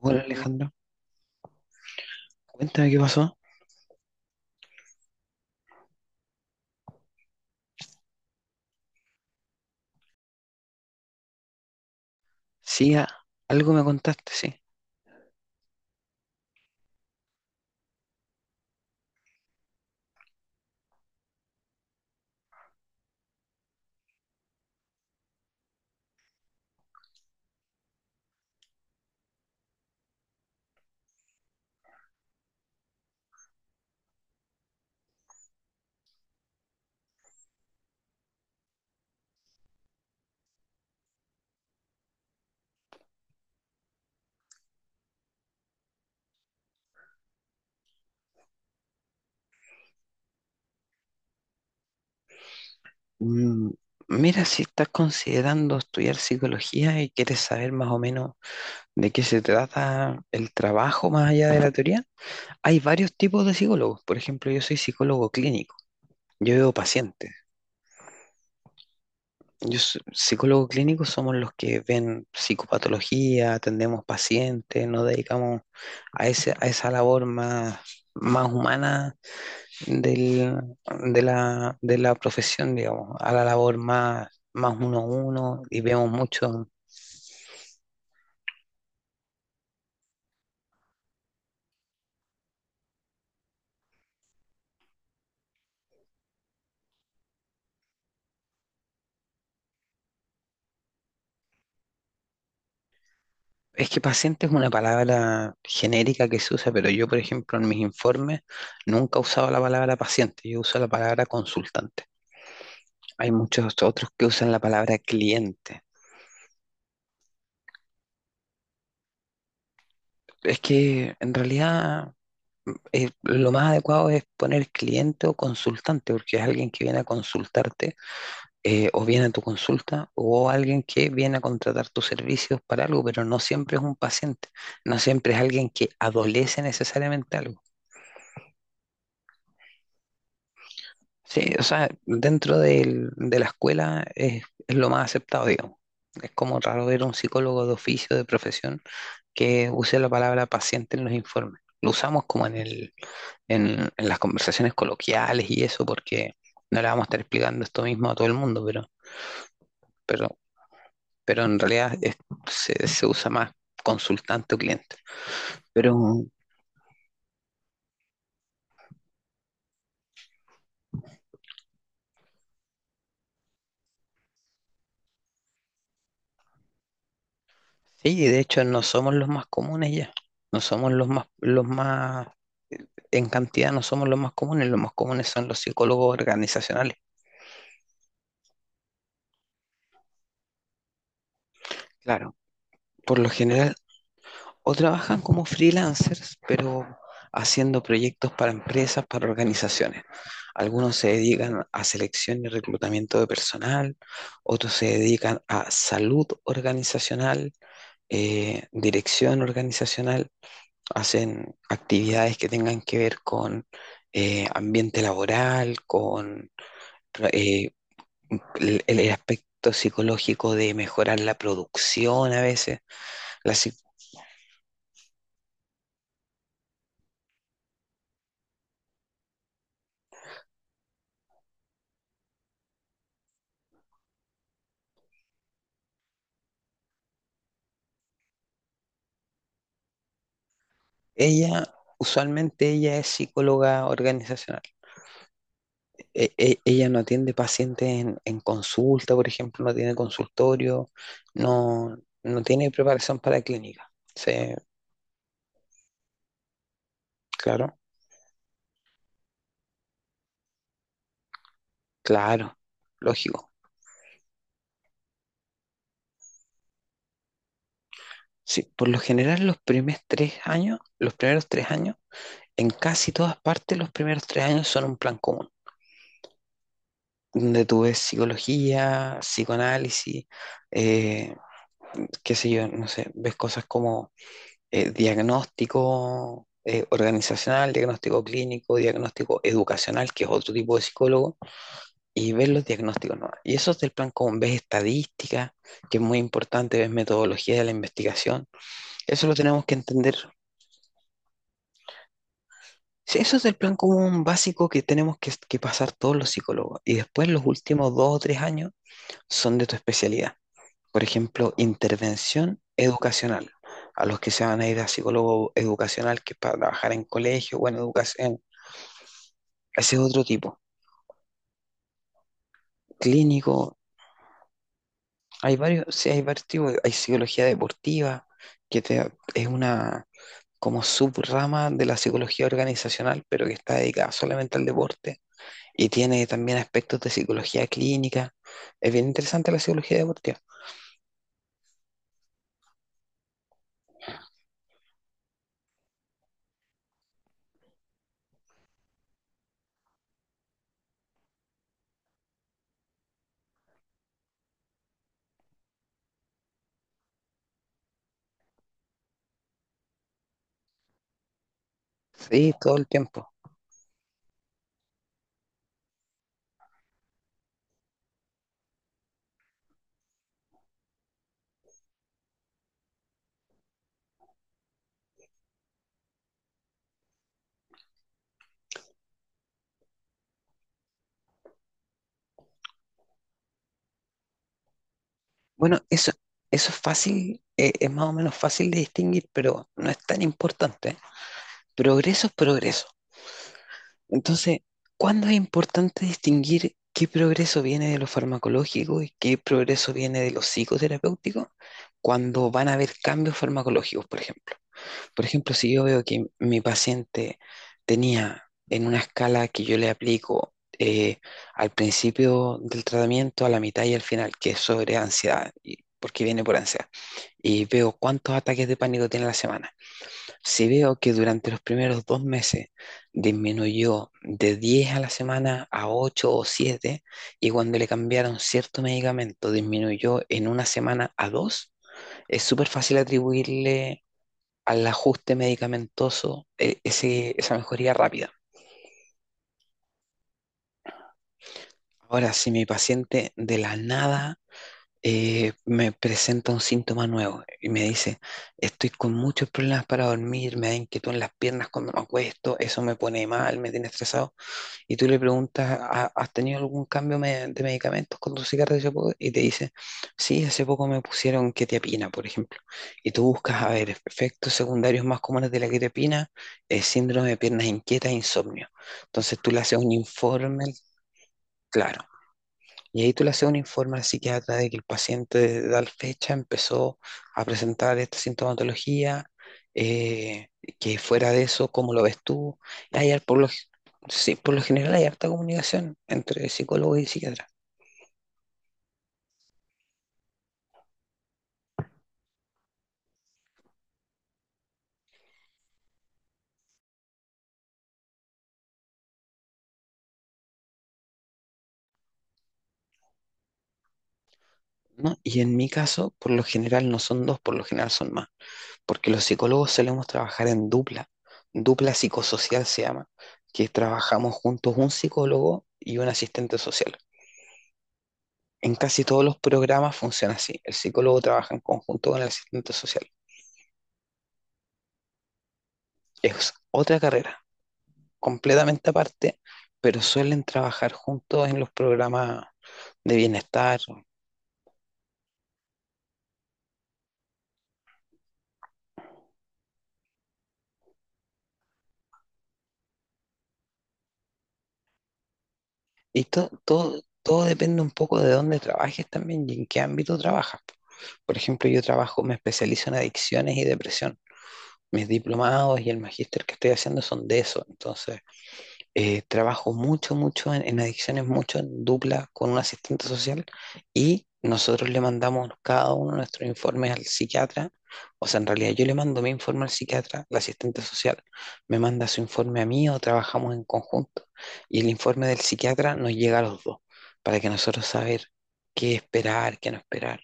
Hola Alejandro, cuéntame qué pasó. Sí, algo me contaste, sí. Mm, mira, si estás considerando estudiar psicología y quieres saber más o menos de qué se trata el trabajo más allá de la teoría, hay varios tipos de psicólogos. Por ejemplo, yo soy psicólogo clínico, yo veo pacientes. Psicólogo clínico somos los que ven psicopatología, atendemos pacientes, nos dedicamos a esa labor más humana del, de la profesión, digamos, a la labor más uno a uno y vemos mucho. Es que paciente es una palabra genérica que se usa, pero yo, por ejemplo, en mis informes nunca he usado la palabra paciente, yo uso la palabra consultante. Hay muchos otros que usan la palabra cliente. Es que en realidad lo más adecuado es poner cliente o consultante, porque es alguien que viene a consultarte o viene a tu consulta o alguien que viene a contratar tus servicios para algo, pero no siempre es un paciente, no siempre es alguien que adolece necesariamente algo. Sí, o sea, dentro de la escuela es lo más aceptado, digamos. Es como raro ver un psicólogo de oficio, de profesión, que use la palabra paciente en los informes. Lo usamos como en las conversaciones coloquiales y eso, porque no le vamos a estar explicando esto mismo a todo el mundo, pero, pero pero se usa más consultante o cliente. Pero sí, de hecho no somos los más comunes ya, no somos los más, en cantidad no somos los más comunes son los psicólogos organizacionales. Claro, por lo general o trabajan como freelancers, pero haciendo proyectos para empresas, para organizaciones. Algunos se dedican a selección y reclutamiento de personal, otros se dedican a salud organizacional, dirección organizacional, hacen actividades que tengan que ver con ambiente laboral, con eh, el aspecto psicológico de mejorar la producción a veces. La Ella, usualmente ella es psicóloga organizacional. Ella no atiende pacientes en consulta, por ejemplo, no tiene consultorio, no, no tiene preparación para clínica. Sí, claro, claro, lógico. Sí, por lo general los primeros tres años, los primeros tres años, en casi todas partes los primeros 3 años son un plan común, donde tú ves psicología, psicoanálisis, eh, qué sé yo, no sé, ves cosas como diagnóstico organizacional, diagnóstico clínico, diagnóstico educacional, que es otro tipo de psicólogo, y ves los diagnósticos nuevos. Y eso es del plan común, ves estadística, que es muy importante, ves metodología de la investigación. Eso lo tenemos que entender. Sí, eso es el plan común básico que tenemos que pasar todos los psicólogos. Y después los últimos 2 o 3 años son de tu especialidad. Por ejemplo, intervención educacional. A los que se van a ir a psicólogo educacional, que es para trabajar en colegio o en educación. Ese es otro tipo. Clínico. Hay varios, sí, hay varios tipos. Hay psicología deportiva, que es una como subrama de la psicología organizacional, pero que está dedicada solamente al deporte. Y tiene también aspectos de psicología clínica. Es bien interesante la psicología deportiva. Sí, todo el tiempo. Bueno, eso, eso es fácil, es más o menos fácil de distinguir, pero no es tan importante. Progreso es progreso. Entonces, ¿cuándo es importante distinguir qué progreso viene de lo farmacológico y qué progreso viene de lo psicoterapéutico? Cuando van a haber cambios farmacológicos, por ejemplo. Por ejemplo, si yo veo que mi paciente tenía en una escala que yo le aplico eh, al principio del tratamiento, a la mitad y al final, que es sobre ansiedad, porque viene por ansiedad, y veo cuántos ataques de pánico tiene a la semana. Si veo que durante los primeros 2 meses disminuyó de 10 a la semana a 8 o 7 y cuando le cambiaron cierto medicamento disminuyó en una semana a dos, es súper fácil atribuirle al ajuste medicamentoso, esa mejoría rápida. Ahora, si mi paciente de la nada me presenta un síntoma nuevo y me dice, estoy con muchos problemas para dormir, me da inquietud en las piernas cuando me acuesto, eso me pone mal, me tiene estresado, y tú le preguntas, "¿Has tenido algún cambio de medicamentos con tu cigarrillo?" Y te dice, sí, hace poco me pusieron quetiapina, por ejemplo. Y tú buscas, a ver, efectos secundarios más comunes de la quetiapina, síndrome de piernas inquietas, insomnio. Entonces tú le haces un informe, claro. Y ahí tú le haces un informe al psiquiatra de que el paciente de tal fecha empezó a presentar esta sintomatología, eh, que fuera de eso, ¿cómo lo ves tú? Y hay, al- por lo, g- Sí, por lo general hay harta comunicación entre psicólogo y psiquiatra, ¿no? Y en mi caso, por lo general no son dos, por lo general son más, porque los psicólogos solemos trabajar en dupla, dupla psicosocial se llama, que trabajamos juntos un psicólogo y un asistente social. En casi todos los programas funciona así. El psicólogo trabaja en conjunto con el asistente social. Es otra carrera, completamente aparte, pero suelen trabajar juntos en los programas de bienestar. Y todo depende un poco de dónde trabajes también y en qué ámbito trabajas. Por ejemplo, yo trabajo, me especializo en adicciones y depresión. Mis diplomados y el magíster que estoy haciendo son de eso. Entonces, trabajo mucho, mucho en adicciones, mucho en dupla con un asistente social, y nosotros le mandamos cada uno nuestros informes al psiquiatra. O sea, en realidad yo le mando mi informe al psiquiatra, la asistente social me manda su informe a mí o trabajamos en conjunto. Y el informe del psiquiatra nos llega a los dos para que nosotros saber qué esperar, qué no esperar.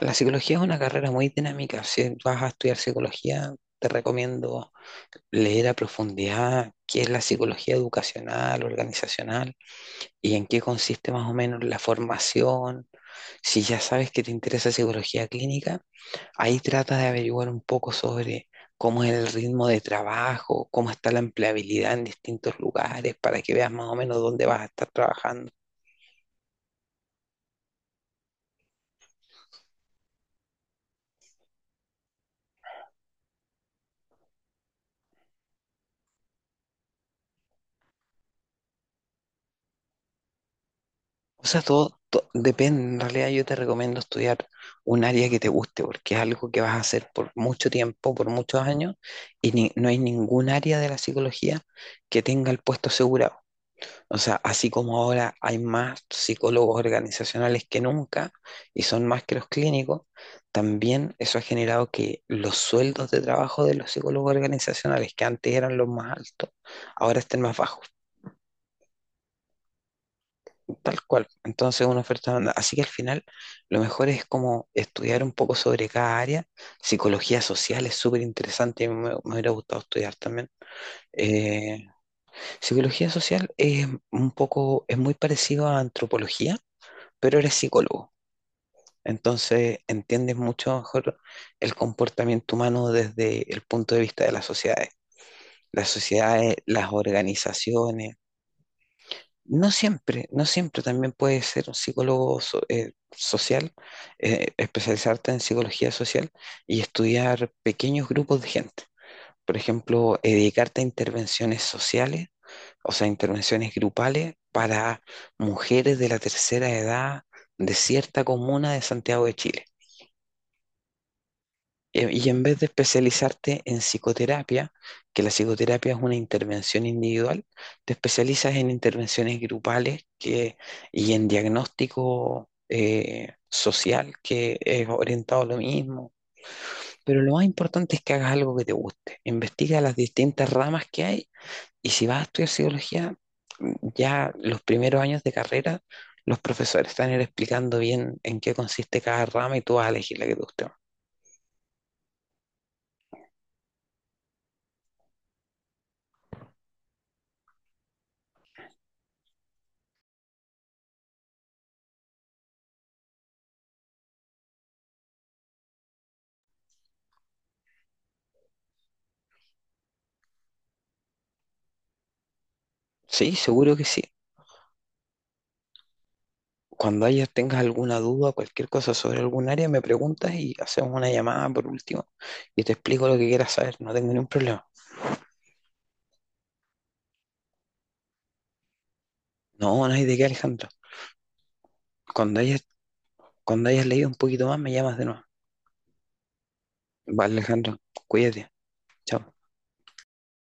La psicología es una carrera muy dinámica. Si vas a estudiar psicología, te recomiendo leer a profundidad qué es la psicología educacional, organizacional y en qué consiste más o menos la formación. Si ya sabes que te interesa psicología clínica, ahí trata de averiguar un poco sobre cómo es el ritmo de trabajo, cómo está la empleabilidad en distintos lugares, para que veas más o menos dónde vas a estar trabajando. O sea, todo, depende. En realidad yo te recomiendo estudiar un área que te guste, porque es algo que vas a hacer por mucho tiempo, por muchos años, y no hay ningún área de la psicología que tenga el puesto asegurado. O sea, así como ahora hay más psicólogos organizacionales que nunca, y son más que los clínicos, también eso ha generado que los sueldos de trabajo de los psicólogos organizacionales, que antes eran los más altos, ahora estén más bajos. Tal cual. Entonces, una oferta blanda. Así que al final, lo mejor es como estudiar un poco sobre cada área. Psicología social es súper interesante, me hubiera gustado estudiar también. Eh, Psicología social es un poco, es muy parecido a antropología, pero eres psicólogo. Entonces, entiendes mucho mejor el comportamiento humano desde el punto de vista de las sociedades. Las sociedades, las organizaciones. No siempre, no siempre también puedes ser un psicólogo social, especializarte en psicología social y estudiar pequeños grupos de gente. Por ejemplo, dedicarte a intervenciones sociales, o sea, intervenciones grupales para mujeres de la tercera edad de cierta comuna de Santiago de Chile. Y en vez de especializarte en psicoterapia, que la psicoterapia es una intervención individual, te especializas en intervenciones grupales que, y en diagnóstico social, que es orientado a lo mismo. Pero lo más importante es que hagas algo que te guste. Investiga las distintas ramas que hay, y si vas a estudiar psicología, ya los primeros años de carrera, los profesores están explicando bien en qué consiste cada rama y tú vas a elegir la que te guste más. Sí, seguro que sí. Cuando tengas alguna duda, cualquier cosa sobre algún área, me preguntas y hacemos una llamada por último y te explico lo que quieras saber. No tengo ningún problema. No, no hay de qué, Alejandro. Cuando hayas, cuando hayas leído un poquito más, me llamas de nuevo. Vale, Alejandro, cuídate. Chao.